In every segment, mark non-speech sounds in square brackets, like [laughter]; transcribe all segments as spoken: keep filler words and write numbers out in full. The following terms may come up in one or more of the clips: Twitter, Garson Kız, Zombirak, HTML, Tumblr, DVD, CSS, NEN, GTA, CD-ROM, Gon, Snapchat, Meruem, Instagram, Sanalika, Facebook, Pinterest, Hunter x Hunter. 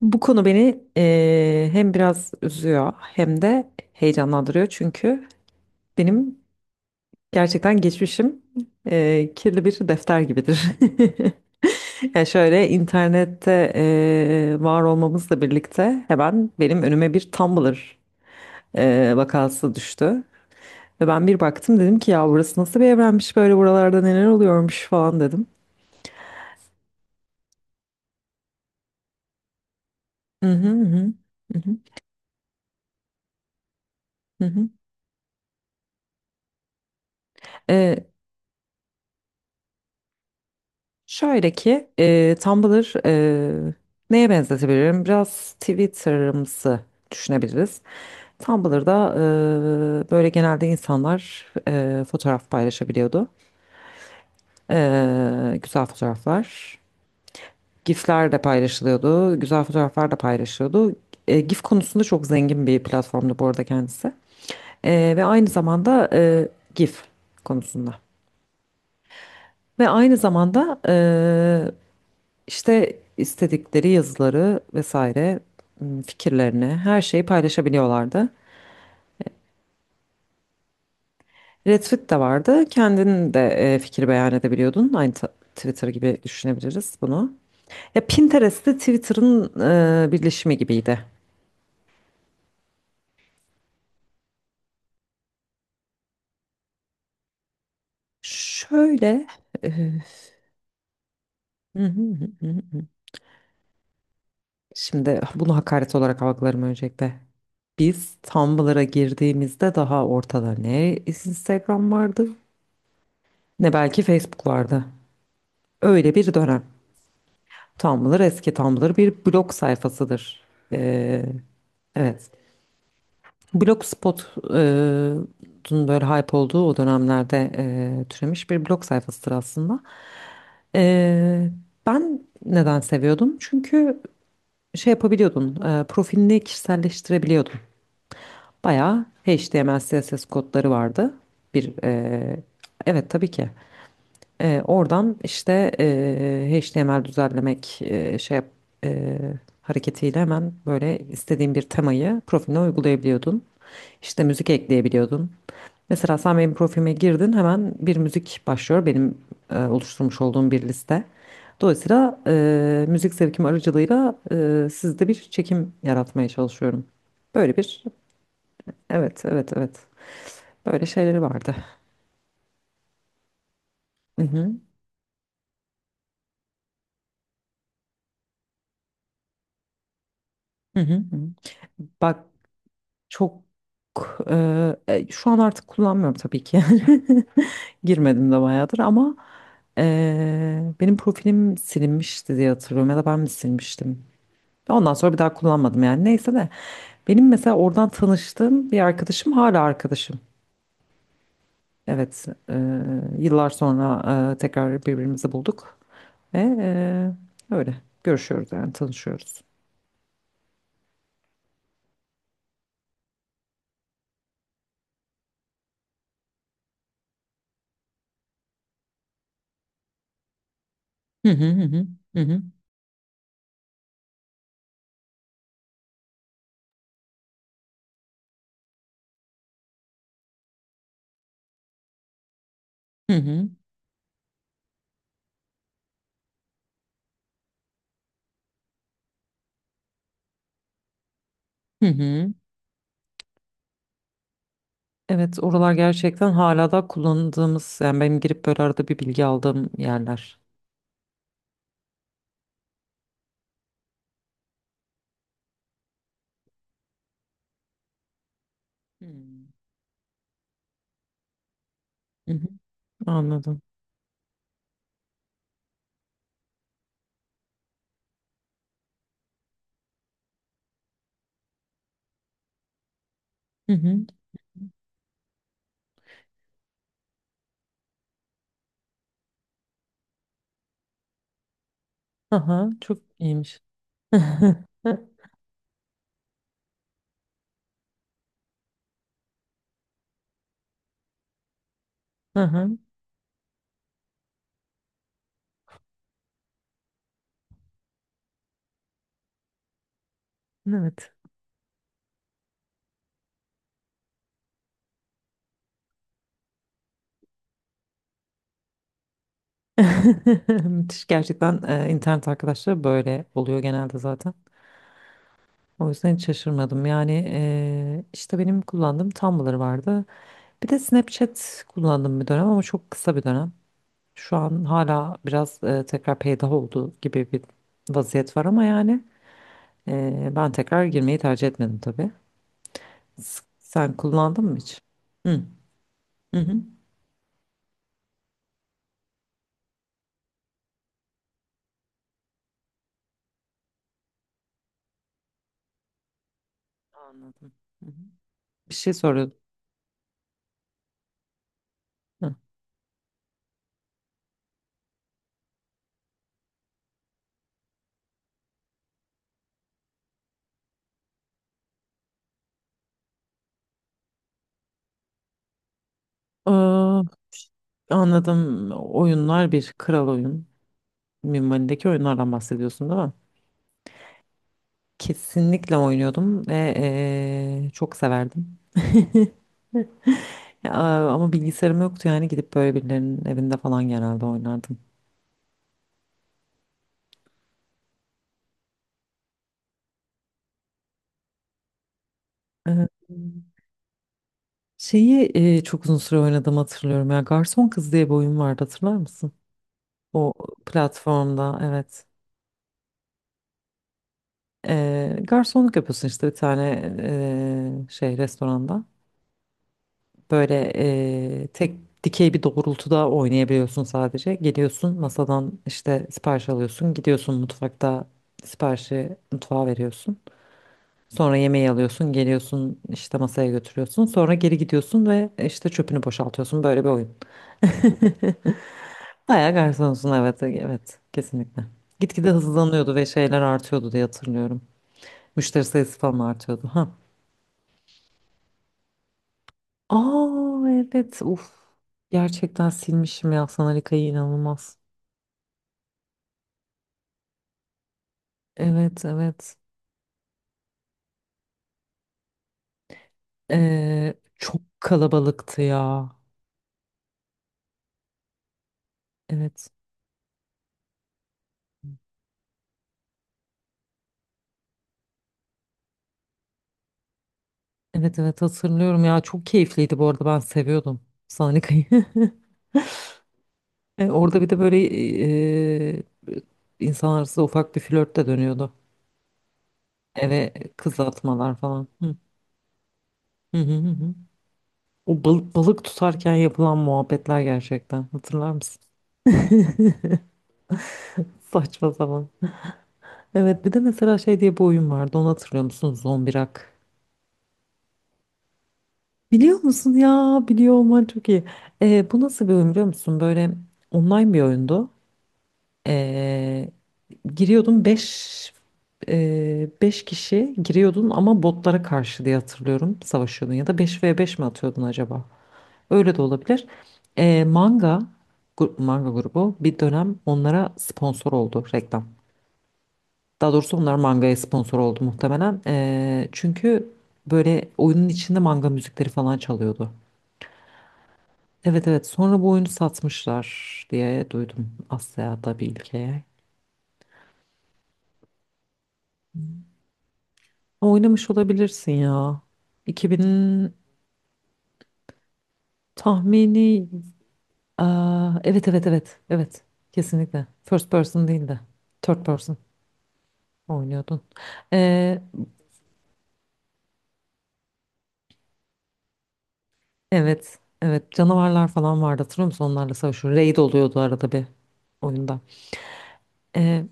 Bu konu beni eee, hem biraz üzüyor hem de heyecanlandırıyor, çünkü benim gerçekten geçmişim eee, kirli bir defter gibidir. [laughs] Yani şöyle, internette eee, var olmamızla birlikte hemen benim önüme bir Tumblr eee, vakası düştü. Ve ben bir baktım, dedim ki ya burası nasıl bir evrenmiş, böyle buralarda neler oluyormuş falan dedim. Hı hı hı. Hı hı. Hı hı. Şöyle ki e, Tumblr, e, neye benzetebilirim? Biraz Twitter'ımsı düşünebiliriz. Tumblr'da e, böyle genelde insanlar e, fotoğraf paylaşabiliyordu. E, güzel fotoğraflar. GIF'ler de paylaşılıyordu. Güzel fotoğraflar da paylaşıyordu. E, GIF konusunda çok zengin bir platformdu bu arada kendisi. E, ve aynı zamanda, e, GIF konusunda. Ve aynı zamanda İşte istedikleri yazıları vesaire, m, fikirlerini, her şeyi paylaşabiliyorlardı. Retweet de vardı. Kendin de e, fikir beyan edebiliyordun. Aynı ta- Twitter gibi düşünebiliriz bunu. Ya Pinterest de Twitter'ın e, birleşimi gibiydi. Şöyle, e, hı hı hı hı hı. Şimdi bunu hakaret olarak algılarım öncelikle. Biz Tumblr'a girdiğimizde daha ortada ne Instagram vardı ne belki Facebook vardı. Öyle bir dönem. Tumblr eski. Tumblr bir blog sayfasıdır. Ee, evet. Blogspot'un böyle hype olduğu o dönemlerde e, türemiş bir blog sayfasıdır aslında. Ee, Ben neden seviyordum? Çünkü şey yapabiliyordun, e, profilini kişiselleştirebiliyordun. Bayağı H T M L, C S S kodları vardı. Bir e, evet, tabii ki. E, oradan işte e, H T M L düzenlemek e, şey yap- e, hareketiyle hemen böyle istediğin bir temayı profiline uygulayabiliyordun. İşte müzik ekleyebiliyordun. Mesela sen benim profilime girdin, hemen bir müzik başlıyor, benim e, oluşturmuş olduğum bir liste. Dolayısıyla e, müzik zevkim aracılığıyla e, sizde bir çekim yaratmaya çalışıyorum. Böyle bir Evet, evet, evet, böyle şeyleri vardı. Hı hı, hı hı, hı. Bak. Çok eee, e, Şu an artık kullanmıyorum tabii ki. [laughs] Girmedim de bayağıdır, ama eee, benim profilim silinmişti diye hatırlıyorum, ya da ben mi silmiştim? Ondan sonra bir daha kullanmadım yani. Neyse de, benim mesela oradan tanıştığım bir arkadaşım hala arkadaşım. Evet, eee, yıllar sonra eee, tekrar birbirimizi bulduk ve eee, öyle görüşüyoruz, yani tanışıyoruz. Hı hı hı hı hı hı hı hı. Hı. Hı. Evet, oralar gerçekten hala da kullandığımız, yani benim girip böyle arada bir bilgi aldığım yerler. Hmm. Hı hı, anladım. Hı hı. Aha, çok iyiymiş. [laughs] Aha, evet. [laughs] Müthiş gerçekten, e, internet arkadaşları böyle oluyor genelde zaten. O yüzden hiç şaşırmadım. Yani e, işte benim kullandığım Tumblr vardı. Bir de Snapchat kullandım bir dönem, ama çok kısa bir dönem. Şu an hala biraz e, tekrar peydah oldu gibi bir vaziyet var, ama yani e, ben tekrar girmeyi tercih etmedim tabii. S- Sen kullandın mı hiç? Hı. Hı hı. Anladım. Hı hı. Bir şey soruyordum. Hı. Aa, anladım. Oyunlar bir kral oyun. Minvalindeki oyunlardan bahsediyorsun değil mi? Kesinlikle oynuyordum ve e, çok severdim. Ya, ama bilgisayarım yoktu, yani gidip böyle birilerinin evinde falan genelde oynardım. Evet. Şeyi e, çok uzun süre oynadım, hatırlıyorum ya. Garson Kız diye bir oyun vardı, hatırlar mısın? O platformda, evet. E, garsonluk yapıyorsun işte, bir tane e, şey restoranda. Böyle e, tek dikey bir doğrultuda oynayabiliyorsun sadece. Geliyorsun, masadan işte sipariş alıyorsun. Gidiyorsun mutfakta, siparişi mutfağa veriyorsun. Sonra yemeği alıyorsun. Geliyorsun işte masaya götürüyorsun. Sonra geri gidiyorsun ve işte çöpünü boşaltıyorsun. Böyle bir oyun. [laughs] Bayağı garsonsun, evet, evet, kesinlikle. Gitgide hızlanıyordu ve şeyler artıyordu diye hatırlıyorum. Müşteri sayısı falan artıyordu. Ha. Aa, evet, uf. Gerçekten silmişim ya Sanalika'yı, inanılmaz. Evet, evet. Ee, çok kalabalıktı ya. Evet. Evet, evet, hatırlıyorum ya, çok keyifliydi. Bu arada ben seviyordum Sanalika'yı. [laughs] E, Orada bir de böyle e, insanlar arasında ufak bir flört de dönüyordu. Eve kız atmalar falan. Hı. Hı hı hı hı. O bal- balık tutarken yapılan muhabbetler gerçekten. Hatırlar mısın? [laughs] Saçma sapan. Evet, bir de mesela şey diye bir oyun vardı. Onu hatırlıyor musun? Zombirak. Biliyor musun ya? Biliyor olman çok iyi. Ee, bu nasıl bir oyun, biliyor musun? Böyle online bir oyundu. Ee, Giriyordun, 5 beş kişi giriyordun ama botlara karşı, diye hatırlıyorum, savaşıyordun. Ya da beş ve beş mi atıyordun acaba? Öyle de olabilir. Ee, manga, gru- manga grubu bir dönem onlara sponsor oldu, reklam. Daha doğrusu onlar mangaya sponsor oldu muhtemelen. Ee, çünkü böyle oyunun içinde manga müzikleri falan çalıyordu. Evet, evet, sonra bu oyunu satmışlar diye duydum Asya'da bir ülkeye. Ama oynamış olabilirsin ya. iki bin tahmini. Aa, evet, evet, evet, evet, kesinlikle. First person değil de third person oynuyordun. Evet. Evet. Canavarlar falan vardı, hatırlıyor musun? Onlarla savaşıyor. Raid oluyordu arada bir oyunda. Ee,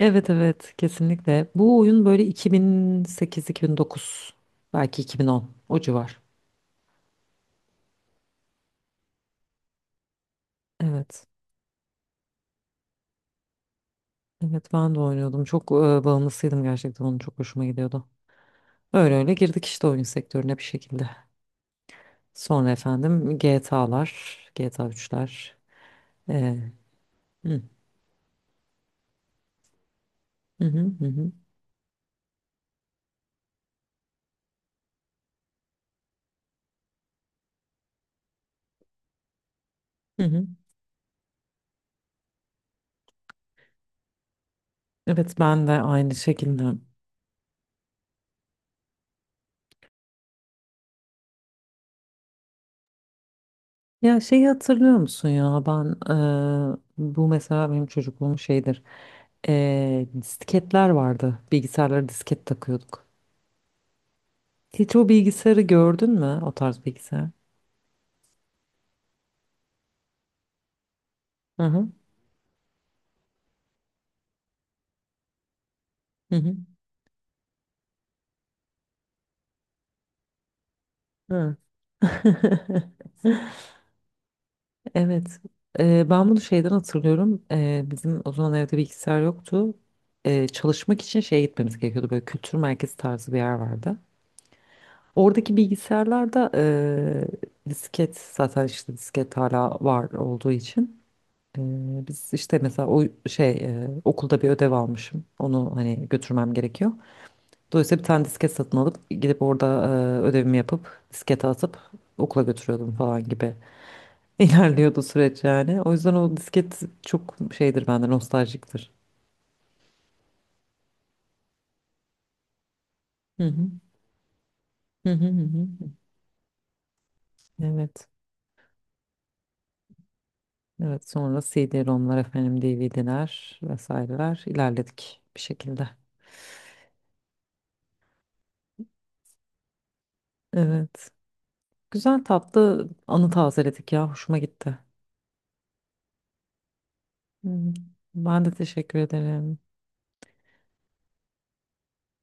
evet, evet, kesinlikle. Bu oyun böyle iki bin sekiz-iki bin dokuz, belki iki bin on, o civar. Evet. Evet, ben de oynuyordum. Çok e, bağımlısıydım gerçekten. Onun çok hoşuma gidiyordu. Öyle öyle girdik işte oyun sektörüne bir şekilde. Sonra efendim G T A'lar, G T A üçler. Ee, hı, hı, hı, hı, hı. Hı. Evet, ben de aynı şekilde. Ya şeyi hatırlıyor musun ya, ben eee, bu mesela benim çocukluğum şeydir. Eee, disketler vardı, bilgisayarlara disket takıyorduk. Hiç o bilgisayarı gördün mü, o tarz bilgisayar? Hı hı. Hı hı. Hı. [laughs] Evet. Eee, ben bunu şeyden hatırlıyorum. Eee, bizim o zaman evde bilgisayar yoktu. Eee, çalışmak için şeye gitmemiz gerekiyordu, böyle kültür merkezi tarzı bir yer vardı. Oradaki bilgisayarlarda eee, disket, zaten işte disket hala var olduğu için. Ee, Biz işte mesela o şey, e, okulda bir ödev almışım. Onu hani götürmem gerekiyor. Dolayısıyla bir tane disket satın alıp gidip orada e, ödevimi yapıp diskete atıp okula götürüyordum falan gibi [laughs] ilerliyordu süreç yani. O yüzden o disket çok şeydir bende, nostaljiktir. Hı hı. Hı hı hı hı. Evet. Evet, sonra C D-ROM'lar, efendim D V D'ler vesaireler, ilerledik bir şekilde. Evet. Güzel tatlı anı tazeledik ya, hoşuma gitti. Hı. Ben de teşekkür ederim.